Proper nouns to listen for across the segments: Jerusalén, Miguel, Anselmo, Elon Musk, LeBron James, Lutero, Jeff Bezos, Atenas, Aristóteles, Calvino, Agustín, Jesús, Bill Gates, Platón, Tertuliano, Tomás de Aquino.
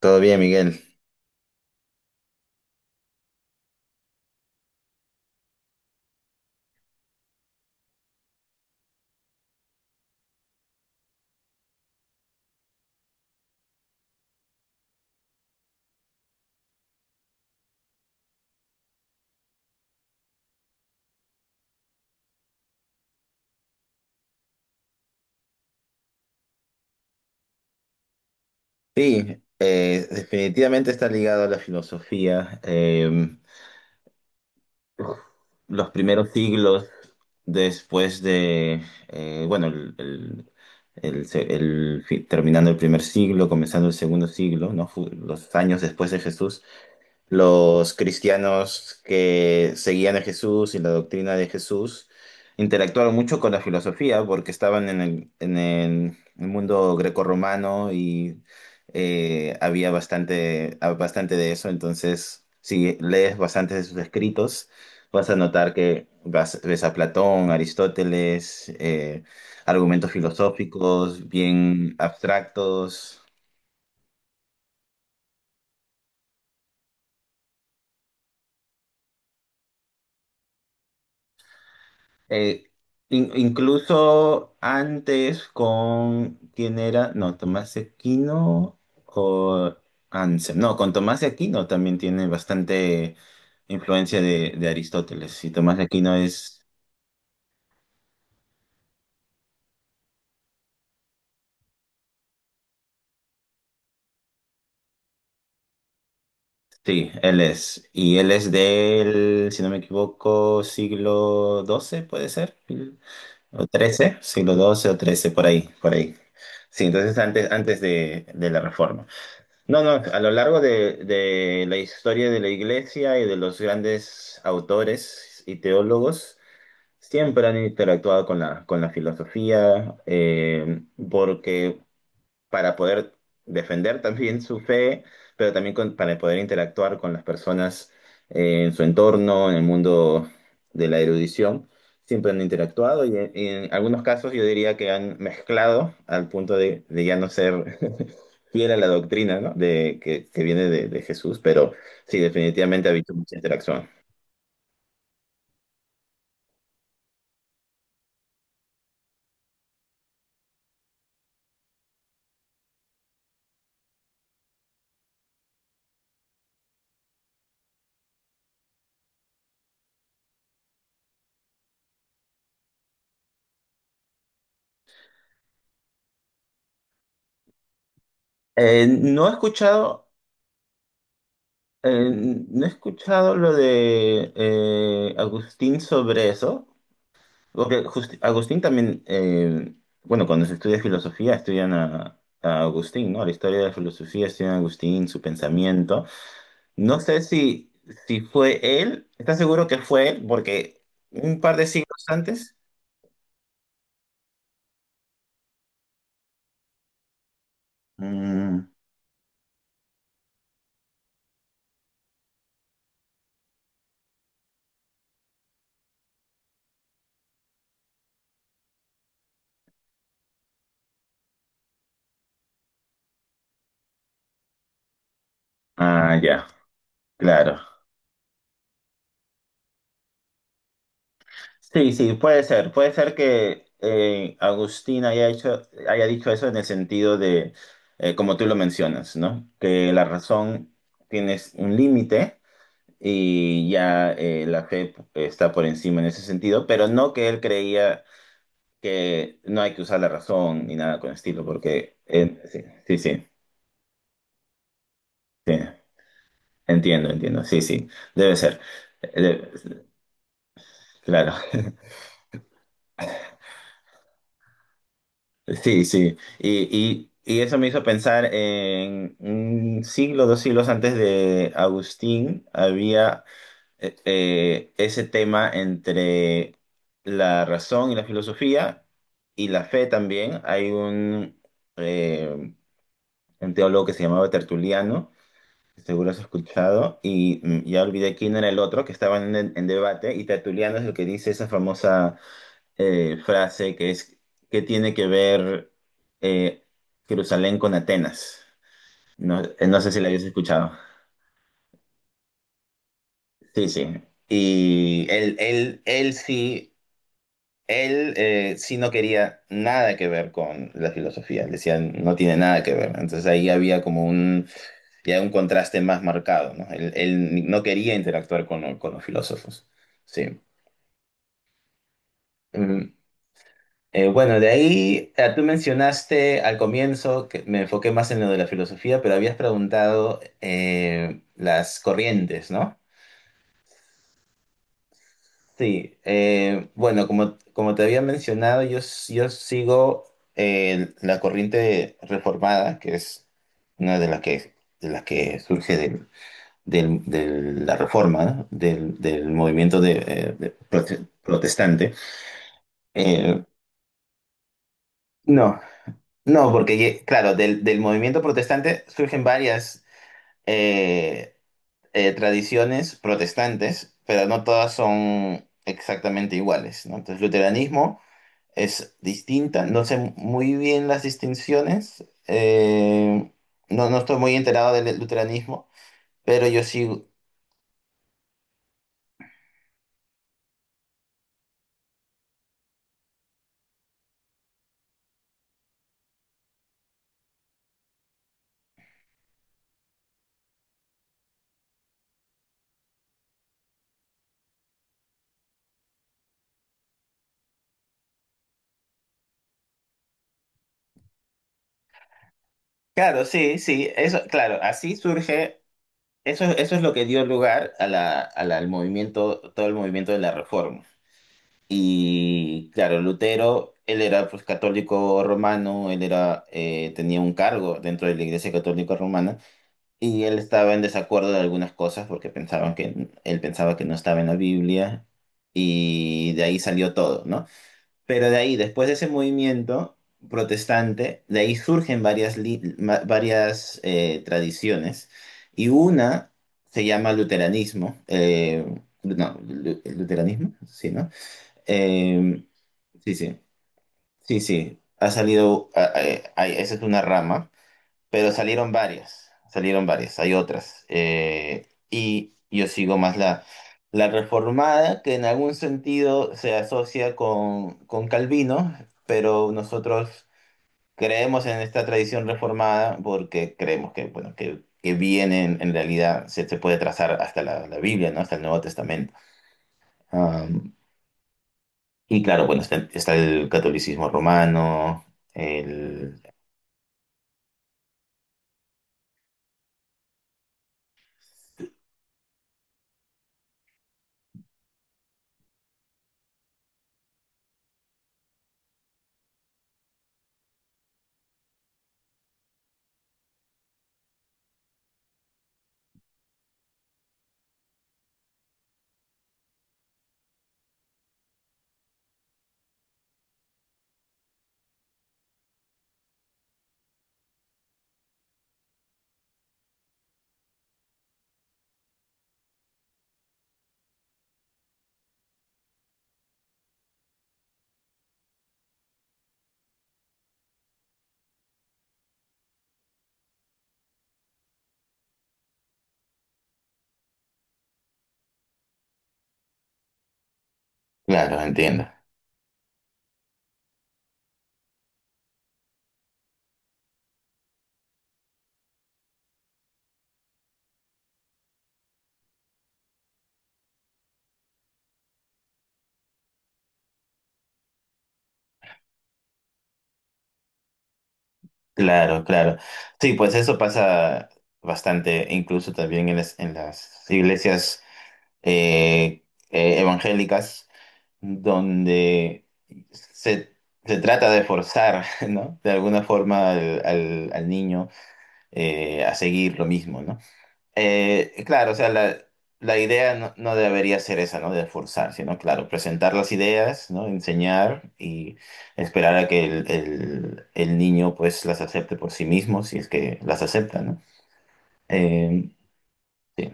Todo bien, Miguel. Sí, definitivamente está ligado a la filosofía. Los primeros siglos después de, bueno, el se- el fi- terminando el primer siglo, comenzando el segundo siglo, ¿no? Los años después de Jesús. Los cristianos que seguían a Jesús y la doctrina de Jesús interactuaron mucho con la filosofía porque estaban en el mundo grecorromano y había bastante, bastante de eso. Entonces, si lees bastantes de sus escritos, vas a notar que ves a Platón, Aristóteles, argumentos filosóficos bien abstractos. Eh, Incluso antes con, ¿quién era? No, Tomás de Aquino o Anselmo. No, con Tomás de Aquino también tiene bastante influencia de Aristóteles. Y Tomás de Aquino es, sí, él es. Y él es del, si no me equivoco, siglo doce puede ser, o trece, siglo doce o trece, por ahí, por ahí. Sí, entonces antes de la Reforma. No, no, a lo largo de la historia de la iglesia y de los grandes autores y teólogos, siempre han interactuado con la filosofía, porque para poder defender también su fe, pero también para poder interactuar con las personas en su entorno, en el mundo de la erudición. Siempre han interactuado y en algunos casos yo diría que han mezclado al punto de ya no ser fiel a la doctrina, ¿no? De, que viene de Jesús, pero sí, definitivamente ha habido mucha interacción. No he escuchado, eh, no he escuchado lo de Agustín sobre eso. Agustín también, bueno, cuando se estudia filosofía, estudian a Agustín, ¿no? La historia de la filosofía, estudian a Agustín, su pensamiento. No sé si, si fue él, ¿estás seguro que fue él? Porque un par de siglos antes. Mm, ah, ya, claro. Sí, sí, puede ser. Puede ser que Agustín haya hecho, haya dicho eso en el sentido de, como tú lo mencionas, ¿no? Que la razón tienes un límite y ya la fe está por encima en ese sentido, pero no que él creía que no hay que usar la razón ni nada con el estilo, porque sí, sí, sí, sí, entiendo, entiendo, sí, sí, debe ser. Eh, de- claro, sí, sí, y eso me hizo pensar en un siglo, dos siglos antes de Agustín, había ese tema entre la razón y la filosofía y la fe también. Hay eh, un teólogo que se llamaba Tertuliano, que seguro has escuchado, y mm, ya olvidé quién era el otro, que estaban en debate, y Tertuliano es el que dice esa famosa frase que es, ¿qué tiene que ver eh, Jerusalén con Atenas? No, no sé si la habías escuchado. Sí, sí. Y él sí. Él sí, no quería nada que ver con la filosofía, le decían no tiene nada que ver. Entonces ahí había como un, ya un contraste más marcado, ¿no? Él no quería interactuar con los filósofos. Sí. Mm. Bueno, de ahí tú mencionaste al comienzo que me enfoqué más en lo de la filosofía, pero habías preguntado las corrientes, ¿no? Sí, bueno, como, como te había mencionado, yo sigo la corriente reformada, que es una de las que surge de la reforma, ¿no? Del, del movimiento de, protestante. Eh, no, no, porque claro, del, del movimiento protestante surgen varias eh, tradiciones protestantes, pero no todas son exactamente iguales, ¿no? Entonces, luteranismo es distinta. No sé muy bien las distinciones. No, no estoy muy enterado del luteranismo, pero yo sí. Claro, sí, sí. Eso, claro, así surge. Eso es lo que dio lugar a la, al movimiento, todo el movimiento de la Reforma. Y claro, Lutero, él era pues, católico romano, él era, tenía un cargo dentro de la Iglesia Católica Romana. Y él estaba en desacuerdo de algunas cosas porque pensaban que él pensaba que no estaba en la Biblia, y de ahí salió todo, ¿no? Pero de ahí, después de ese movimiento protestante, de ahí surgen varias, varias tradiciones, y una se llama luteranismo, luteranismo, sí, ¿no? Eh, sí, sí, sí, sí, ha salido, esa es una rama, pero salieron varias, hay otras. Y yo sigo más la, la reformada, que en algún sentido se asocia con Calvino, pero nosotros creemos en esta tradición reformada porque creemos que, bueno, que viene en realidad, se puede trazar hasta la, la Biblia, ¿no? Hasta el Nuevo Testamento. Am, y claro, bueno, está, está el catolicismo romano, el... Claro, entiendo. Claro, claro. Sí, pues eso pasa bastante, incluso también en las iglesias eh, evangélicas, donde se, se trata de forzar, ¿no? De alguna forma al, al niño a seguir lo mismo, ¿no? Claro, o sea, la idea no, no debería ser esa, ¿no? De forzar, sino, claro, presentar las ideas, ¿no? Enseñar y esperar a que el, el niño, pues, las acepte por sí mismo, si es que las acepta, ¿no? Eh, sí.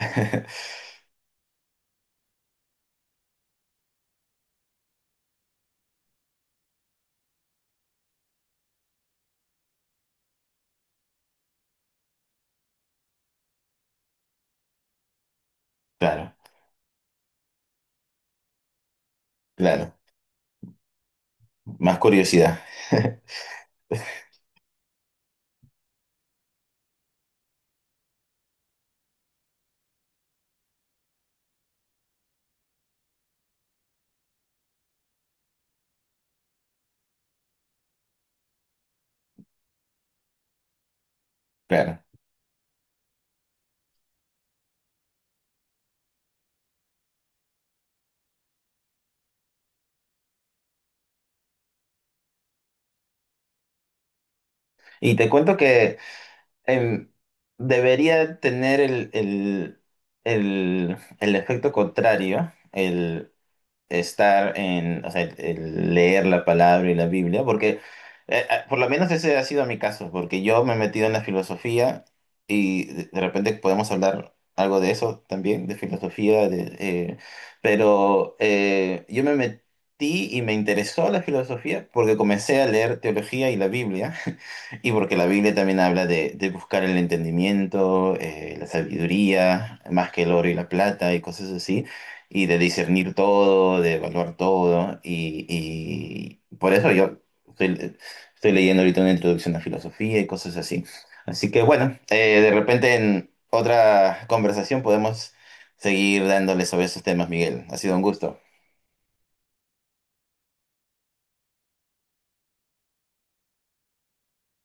Claro, claro. Más curiosidad. Claro. Y te cuento que em, debería tener el efecto contrario, el, estar en, o sea, el leer la palabra y la Biblia, porque por lo menos ese ha sido mi caso, porque yo me he metido en la filosofía y de repente podemos hablar algo de eso también, de filosofía, de, pero yo me metí y me interesó la filosofía porque comencé a leer teología y la Biblia. Y porque la Biblia también habla de buscar el entendimiento, la sabiduría, más que el oro y la plata y cosas así, y de discernir todo, de evaluar todo. Y por eso yo estoy, estoy leyendo ahorita una introducción a filosofía y cosas así. Así que bueno, de repente en otra conversación podemos seguir dándole sobre esos temas, Miguel. Ha sido un gusto.